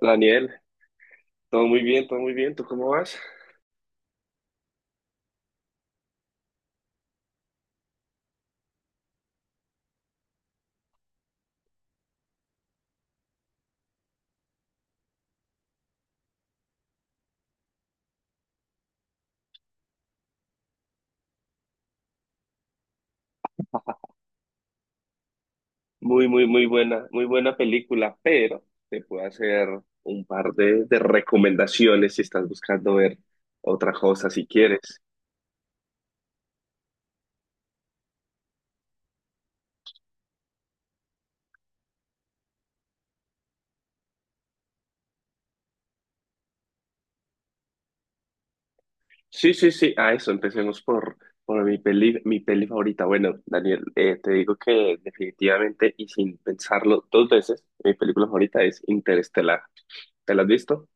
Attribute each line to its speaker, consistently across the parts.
Speaker 1: Daniel, todo muy bien, todo muy bien. ¿Tú cómo vas? Muy, muy, muy buena película, pero te puedo hacer un par de recomendaciones si estás buscando ver otra cosa, si quieres. Sí, sí, sí, a eso, empecemos por mi peli favorita. Bueno, Daniel, te digo que definitivamente y sin pensarlo dos veces, mi película favorita es Interestelar. ¿Te la has visto?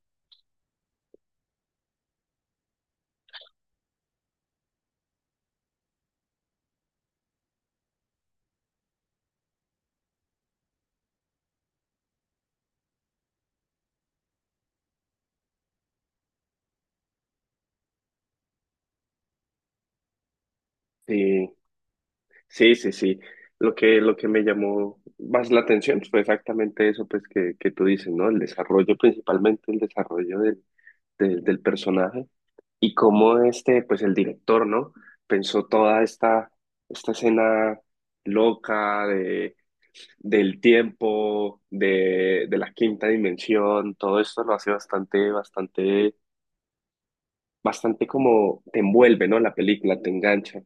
Speaker 1: Sí. Sí, sí, sí. Lo que me llamó más la atención pues, fue exactamente eso pues, que tú dices, ¿no? El desarrollo, principalmente el desarrollo del personaje y cómo este, pues el director, ¿no? Pensó esta escena loca del tiempo, de la quinta dimensión, todo esto lo hace bastante como te envuelve, ¿no? La película te engancha.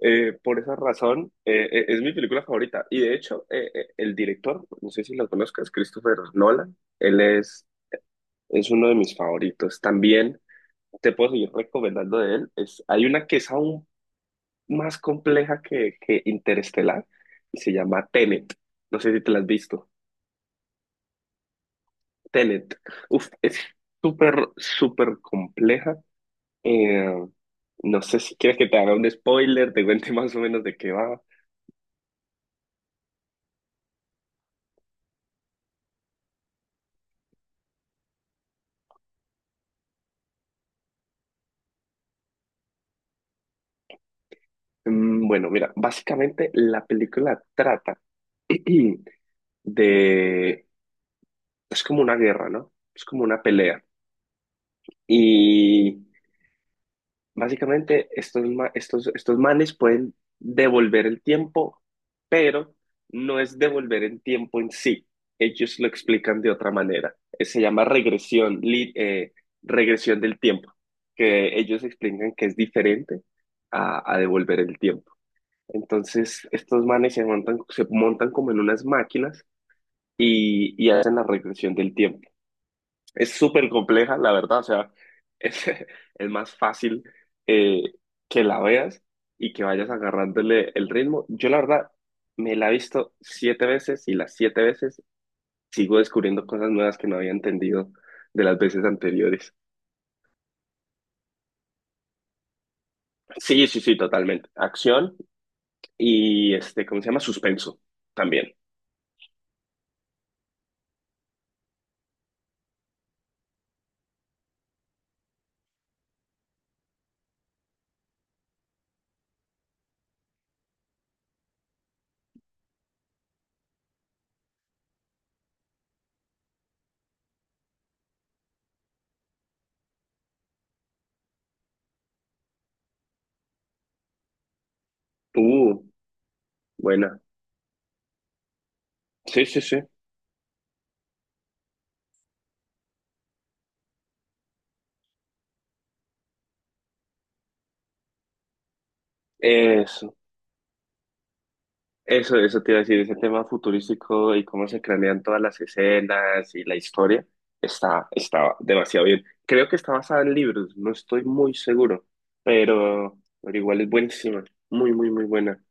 Speaker 1: Por esa razón, es mi película favorita. Y de hecho, el director, no sé si lo conozcas, Christopher Nolan, es uno de mis favoritos. También te puedo seguir recomendando de él. Es, hay una que es aún más compleja que Interestelar y se llama Tenet. No sé si te la has visto. Tenet. Uf, es súper compleja. Eh, no sé si quieres que te haga un spoiler, te cuente más o menos de qué va. Bueno, mira, básicamente la película trata de... Es como una guerra, ¿no? Es como una pelea. Y básicamente estos, estos manes pueden devolver el tiempo, pero no es devolver el tiempo en sí. Ellos lo explican de otra manera. Se llama regresión del tiempo, que ellos explican que es diferente a devolver el tiempo. Entonces, estos manes se montan como en unas máquinas y hacen la regresión del tiempo. Es súper compleja, la verdad, o sea, es, es más fácil eh, que la veas y que vayas agarrándole el ritmo. Yo, la verdad, me la he visto siete veces y las siete veces sigo descubriendo cosas nuevas que no había entendido de las veces anteriores. Sí, sí, sí, totalmente. Acción y, este, ¿cómo se llama? Suspenso también. Uh, buena. Sí, sí, sí. Eso, Eso te iba a decir, ese tema futurístico y cómo se cranean todas las escenas y la historia, está demasiado bien. Creo que está basada en libros, no estoy muy seguro, pero igual es buenísima, muy buena.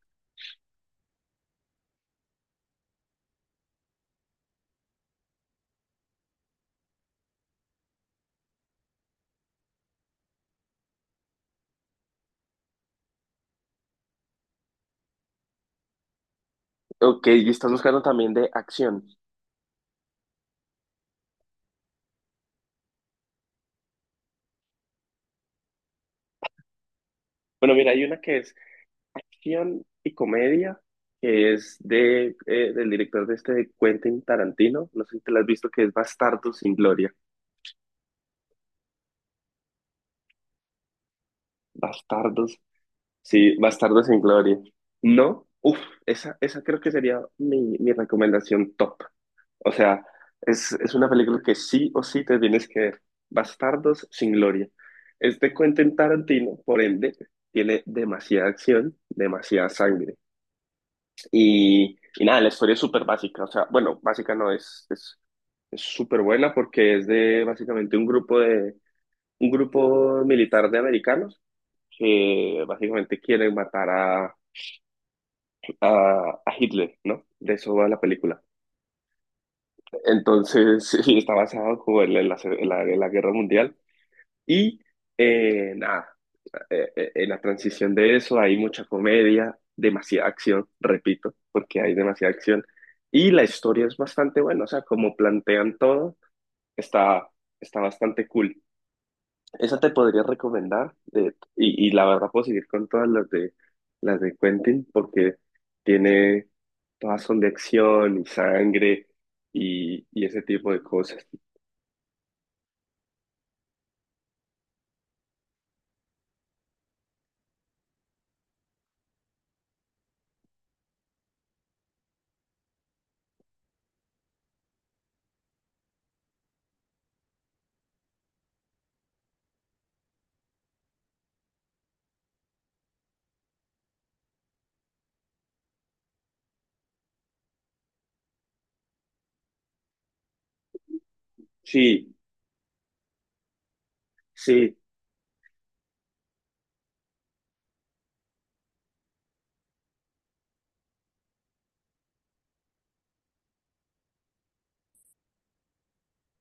Speaker 1: Ok, y estás buscando también de acción. Bueno, mira, hay una que es acción y comedia, que es de, del director de este Quentin Tarantino, no sé si te la has visto, que es Bastardos sin Gloria. Bastardos. Sí, Bastardo sin Gloria. No, uff, esa creo que sería mi recomendación top. O sea, es una película que sí o sí te tienes que ver. Bastardos sin Gloria. Es de Quentin Tarantino, por ende, tiene demasiada acción, demasiada sangre. Y nada, la historia es súper básica. O sea, bueno, básica no es, es súper buena porque es de básicamente un grupo militar de americanos que básicamente quieren matar a Hitler, ¿no? De eso va la película. Entonces, sí, está basado como en la Guerra Mundial. Y nada, en la transición de eso hay mucha comedia, demasiada acción, repito, porque hay demasiada acción. Y la historia es bastante buena, o sea, como plantean todo, está, está bastante cool. Esa te podría recomendar de- y la verdad puedo seguir con todas las de Quentin porque tiene todas son de acción y sangre y ese tipo de cosas. Sí, sí,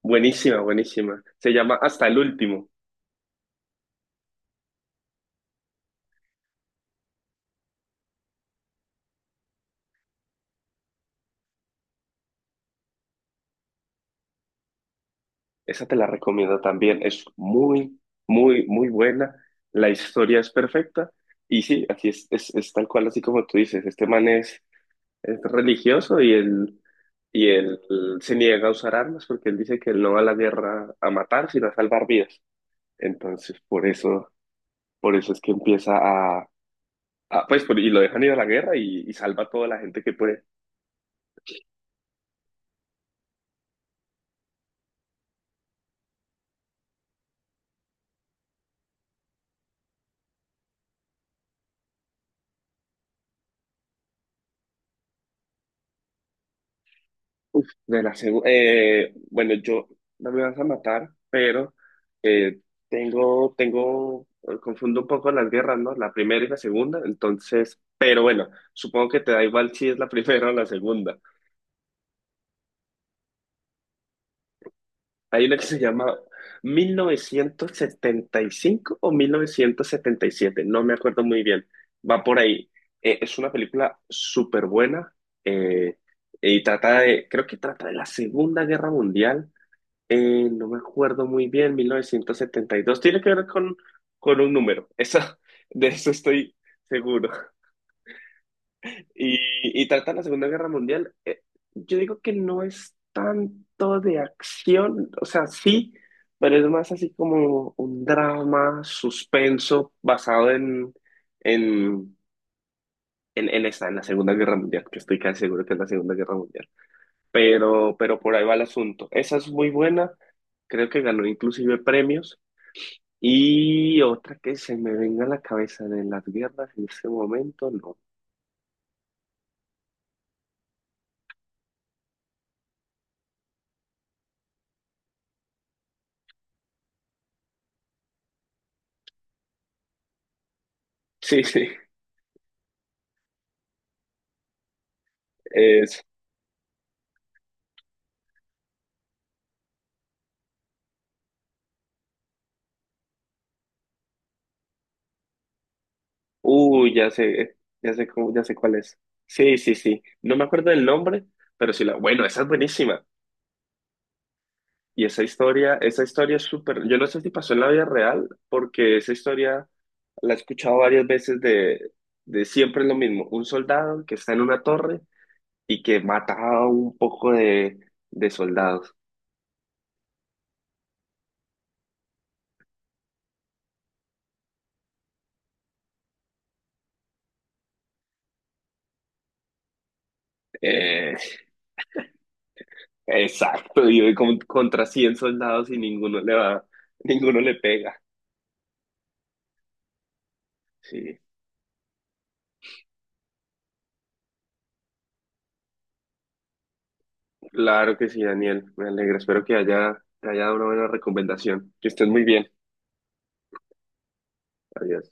Speaker 1: buenísima, buenísima. Se llama Hasta el Último. Esa te la recomiendo también. Es muy, muy buena. La historia es perfecta y sí, así es, es tal cual así como tú dices. Este man es religioso y y él se niega a usar armas porque él dice que él no va a la guerra a matar, sino a salvar vidas. Entonces, por eso es que empieza y lo dejan ir a la guerra y salva a toda la gente que puede. Uf, de la bueno, yo no me vas a matar, pero eh, tengo, confundo un poco las guerras, ¿no? La primera y la segunda, entonces, pero bueno, supongo que te da igual si es la primera o la segunda. Hay una que se llama 1975 o 1977, no me acuerdo muy bien. Va por ahí. Es una película súper buena eh, y trata de, creo que trata de la Segunda Guerra Mundial. No me acuerdo muy bien, 1972. Tiene que ver con un número. Eso de eso estoy seguro. Y trata la Segunda Guerra Mundial. Yo digo que no es tanto de acción, o sea, sí, pero es más así como un drama, suspenso, basado en, en esa, en la Segunda Guerra Mundial, que estoy casi seguro que es la Segunda Guerra Mundial. Pero por ahí va el asunto. Esa es muy buena, creo que ganó inclusive premios. Y otra que se me venga a la cabeza de las guerras en este momento, no. Sí, sí, uy, ya sé, ya sé cuál es. Sí, sí, sí. No me acuerdo del nombre, pero sí la. Bueno, esa es buenísima. Y esa historia es súper. Yo no sé si pasó en la vida real, porque esa historia la he escuchado varias veces de siempre es lo mismo. Un soldado que está en una torre y que mata a un poco de soldados. Eh, exacto. Y hoy contra 100 soldados y ninguno le va, ninguno le pega. Sí. Claro que sí, Daniel. Me alegra. Espero que haya, te haya dado una buena recomendación. Que estés muy bien. Adiós.